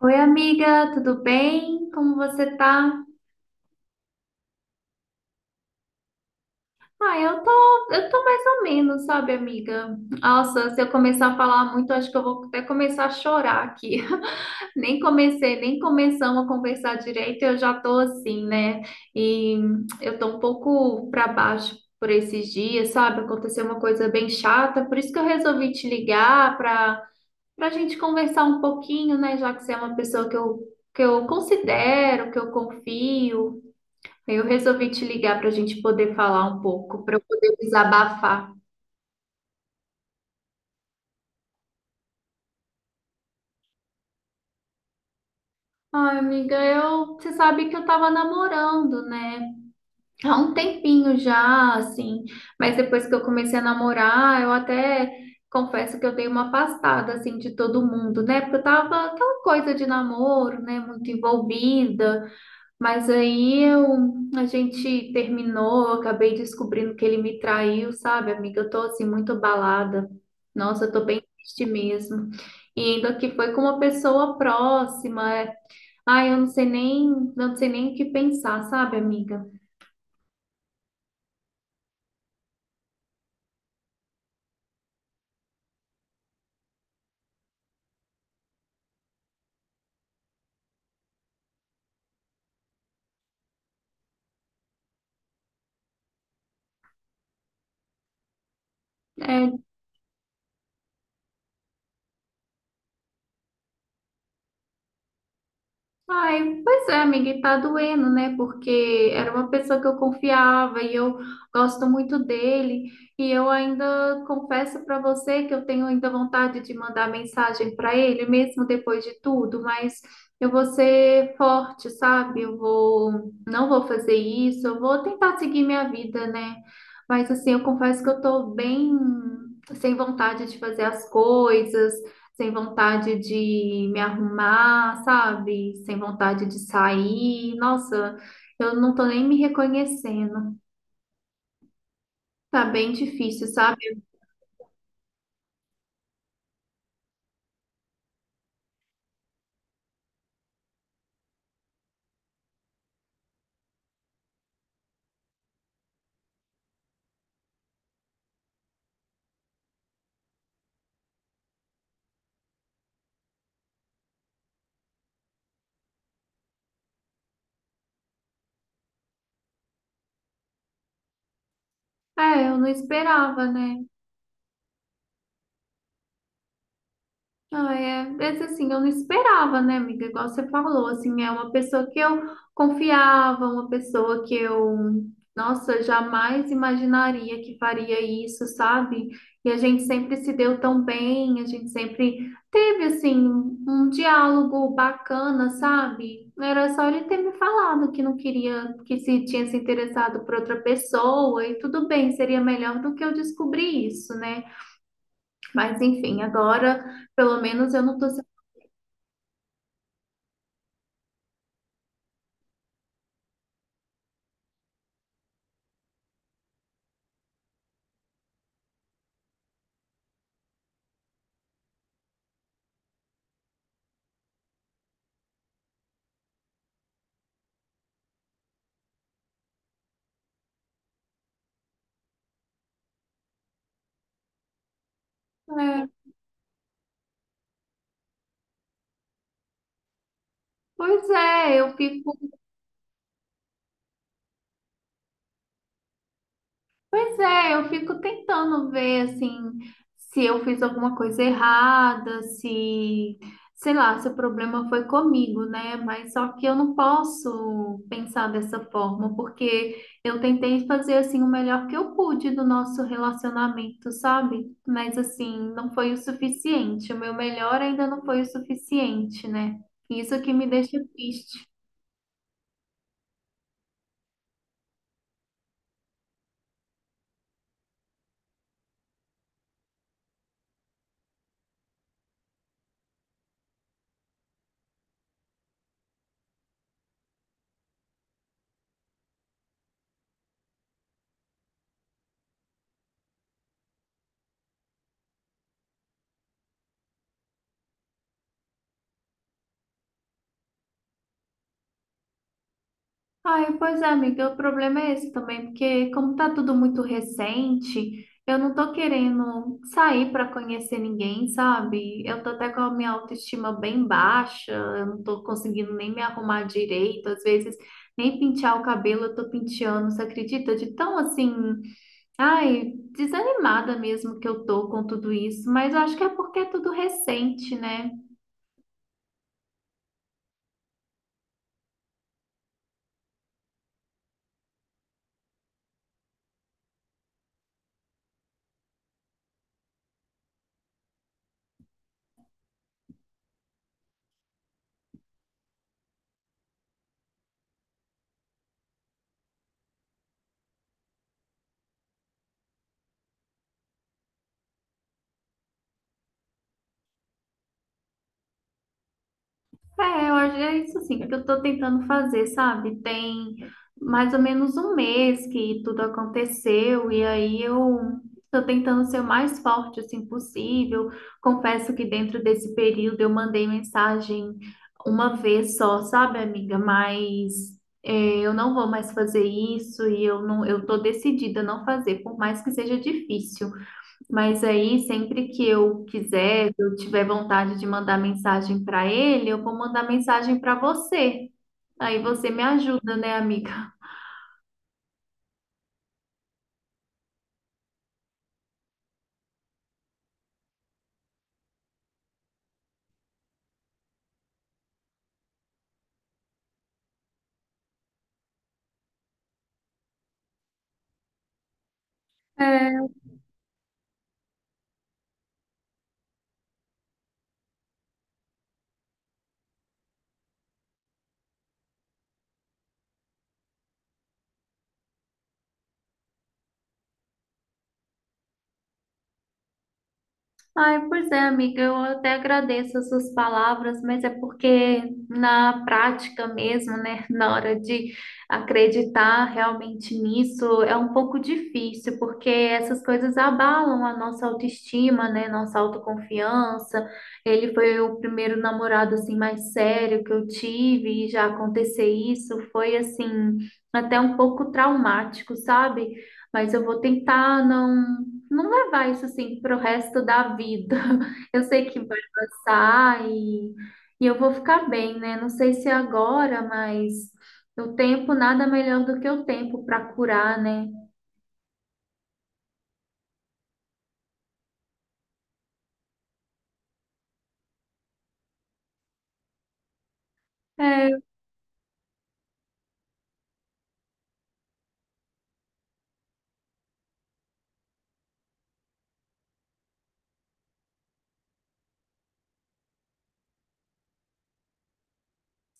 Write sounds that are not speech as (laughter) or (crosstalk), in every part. Oi, amiga, tudo bem? Como você tá? Ah, eu tô, eu tô mais ou menos, sabe, amiga? Nossa, se eu começar a falar muito, acho que eu vou até começar a chorar aqui. (laughs) Nem comecei, nem começamos a conversar direito, eu já tô assim, né? E eu tô um pouco pra baixo por esses dias, sabe? Aconteceu uma coisa bem chata, por isso que eu resolvi te ligar pra gente conversar um pouquinho, né? Já que você é uma pessoa que eu considero, que eu confio. Eu resolvi te ligar para a gente poder falar um pouco, para eu poder desabafar. Ai, amiga, eu, você sabe que eu tava namorando, né? Há um tempinho já, assim, mas depois que eu comecei a namorar, eu até confesso que eu dei uma afastada, assim, de todo mundo, né? Porque eu tava aquela coisa de namoro, né? Muito envolvida. Mas aí eu, a gente terminou, eu acabei descobrindo que ele me traiu, sabe, amiga? Eu tô assim muito abalada. Nossa, eu tô bem triste mesmo. E ainda que foi com uma pessoa próxima. Ai, eu não sei nem, não sei nem o que pensar, sabe, amiga? É. Ai, pois é, amiga, e tá doendo, né? Porque era uma pessoa que eu confiava e eu gosto muito dele. E eu ainda confesso para você que eu tenho ainda vontade de mandar mensagem para ele, mesmo depois de tudo, mas eu vou ser forte, sabe? Não vou fazer isso, eu vou tentar seguir minha vida, né? Mas assim, eu confesso que eu tô bem sem vontade de fazer as coisas, sem vontade de me arrumar, sabe? Sem vontade de sair. Nossa, eu não tô nem me reconhecendo. Tá bem difícil, sabe? É, eu não esperava, né? Ah, é, mas assim, eu não esperava, né, amiga? Igual você falou, assim, é uma pessoa que eu confiava, uma pessoa, nossa, jamais imaginaria que faria isso, sabe? E a gente sempre se deu tão bem, a gente sempre teve, assim, um diálogo bacana, sabe? Era só ele ter me falado que não queria, que se tinha se interessado por outra pessoa, e tudo bem, seria melhor do que eu descobrir isso, né? Mas enfim, agora. Pelo menos eu não tô. É, pois é, eu fico, pois é, eu fico tentando ver assim se eu fiz alguma coisa errada, se, sei lá, se o problema foi comigo, né? Mas só que eu não posso pensar dessa forma, porque eu tentei fazer assim o melhor que eu pude do nosso relacionamento, sabe? Mas assim, não foi o suficiente. O meu melhor ainda não foi o suficiente, né? Isso que me deixa triste. Ai, pois é, amiga, o problema é esse também, porque como tá tudo muito recente, eu não tô querendo sair para conhecer ninguém, sabe? Eu tô até com a minha autoestima bem baixa, eu não tô conseguindo nem me arrumar direito, às vezes nem pentear o cabelo eu tô penteando, você acredita? De tão assim, ai, desanimada mesmo que eu tô com tudo isso, mas eu acho que é porque é tudo recente, né? É, eu acho que é isso assim que eu tô tentando fazer, sabe? Tem mais ou menos um mês que tudo aconteceu e aí eu tô tentando ser o mais forte assim possível. Confesso que dentro desse período eu mandei mensagem uma vez só, sabe, amiga? Mas é, eu não vou mais fazer isso e eu tô decidida a não fazer, por mais que seja difícil. Mas aí, sempre que eu quiser, que eu tiver vontade de mandar mensagem para ele, eu vou mandar mensagem para você. Aí você me ajuda, né, amiga? É. Ai, pois é, amiga, eu até agradeço as suas palavras, mas é porque na prática mesmo, né, na hora de acreditar realmente nisso, é um pouco difícil, porque essas coisas abalam a nossa autoestima, né, nossa autoconfiança. Ele foi o primeiro namorado assim mais sério que eu tive e já acontecer isso foi assim até um pouco traumático, sabe? Mas eu vou tentar não levar isso assim pro resto da vida. (laughs) Eu sei que vai passar e eu vou ficar bem, né? Não sei se agora, mas o tempo, nada melhor do que o tempo para curar, né? É,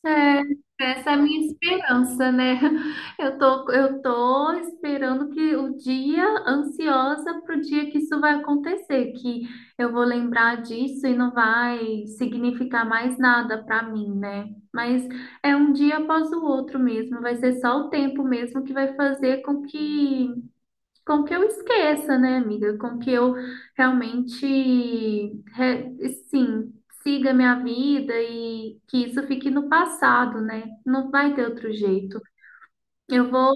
é, essa é a minha esperança, né? (laughs) Eu tô esperando que o dia, ansiosa pro dia que isso vai acontecer, que eu vou lembrar disso e não vai significar mais nada para mim, né? Mas é um dia após o outro mesmo, vai ser só o tempo mesmo que vai fazer com que eu esqueça, né, amiga? Com que eu realmente, re- sim, siga minha vida e que isso fique no passado, né? Não vai ter outro jeito. Eu vou,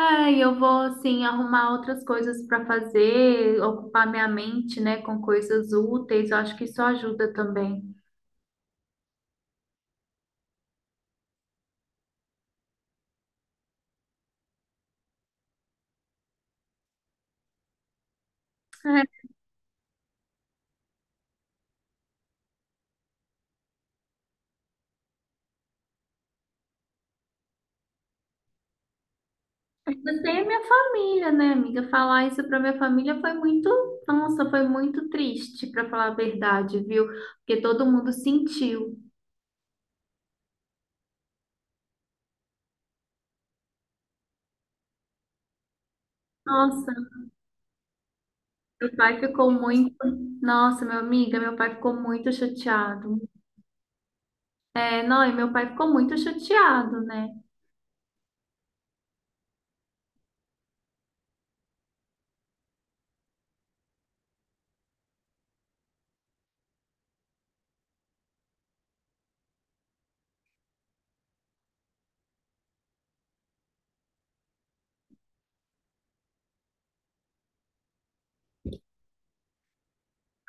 eu vou, assim, arrumar outras coisas para fazer, ocupar minha mente, né, com coisas úteis. Eu acho que isso ajuda também. É, ainda tem a minha família, né, amiga? Falar isso para minha família foi muito, nossa, foi muito triste, para falar a verdade, viu? Porque todo mundo sentiu. Nossa, meu pai ficou muito. Nossa, meu amiga, meu pai ficou muito chateado. É, não, e meu pai ficou muito chateado, né?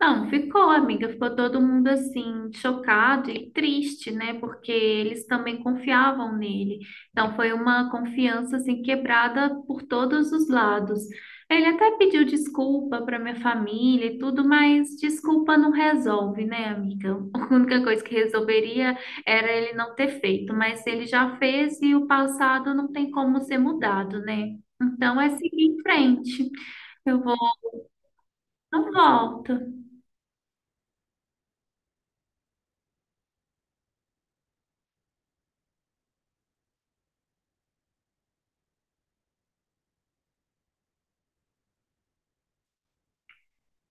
Não, ficou, amiga. Ficou todo mundo assim, chocado e triste, né? Porque eles também confiavam nele. Então foi uma confiança assim quebrada por todos os lados. Ele até pediu desculpa para minha família e tudo, mas desculpa não resolve, né, amiga? (laughs) A única coisa que resolveria era ele não ter feito, mas ele já fez e o passado não tem como ser mudado, né? Então é seguir em frente. Eu vou, não volto.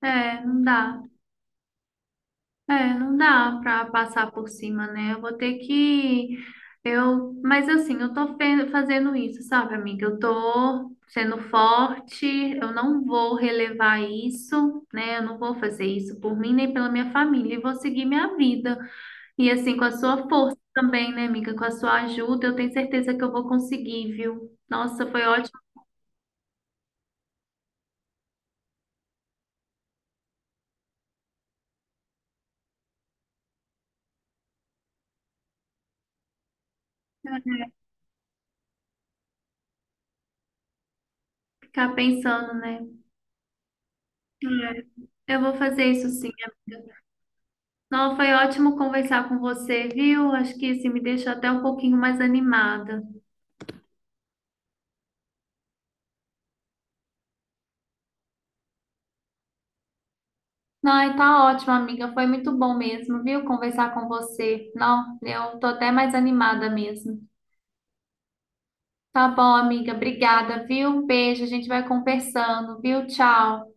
É, não dá. É, não dá para passar por cima, né? Eu vou ter que eu, mas assim, eu tô fazendo isso, sabe, amiga? Eu tô sendo forte, eu não vou relevar isso, né? Eu não vou fazer isso por mim nem pela minha família, e vou seguir minha vida. E assim, com a sua força também, né, amiga? Com a sua ajuda, eu tenho certeza que eu vou conseguir, viu? Nossa, foi ótimo ficar pensando, né? É. Eu vou fazer isso sim. Não, foi ótimo conversar com você, viu? Acho que isso me deixou até um pouquinho mais animada. Não, e tá ótimo, amiga. Foi muito bom mesmo, viu? Conversar com você. Não, eu tô até mais animada mesmo. Tá bom, amiga. Obrigada, viu? Um beijo. A gente vai conversando, viu? Tchau.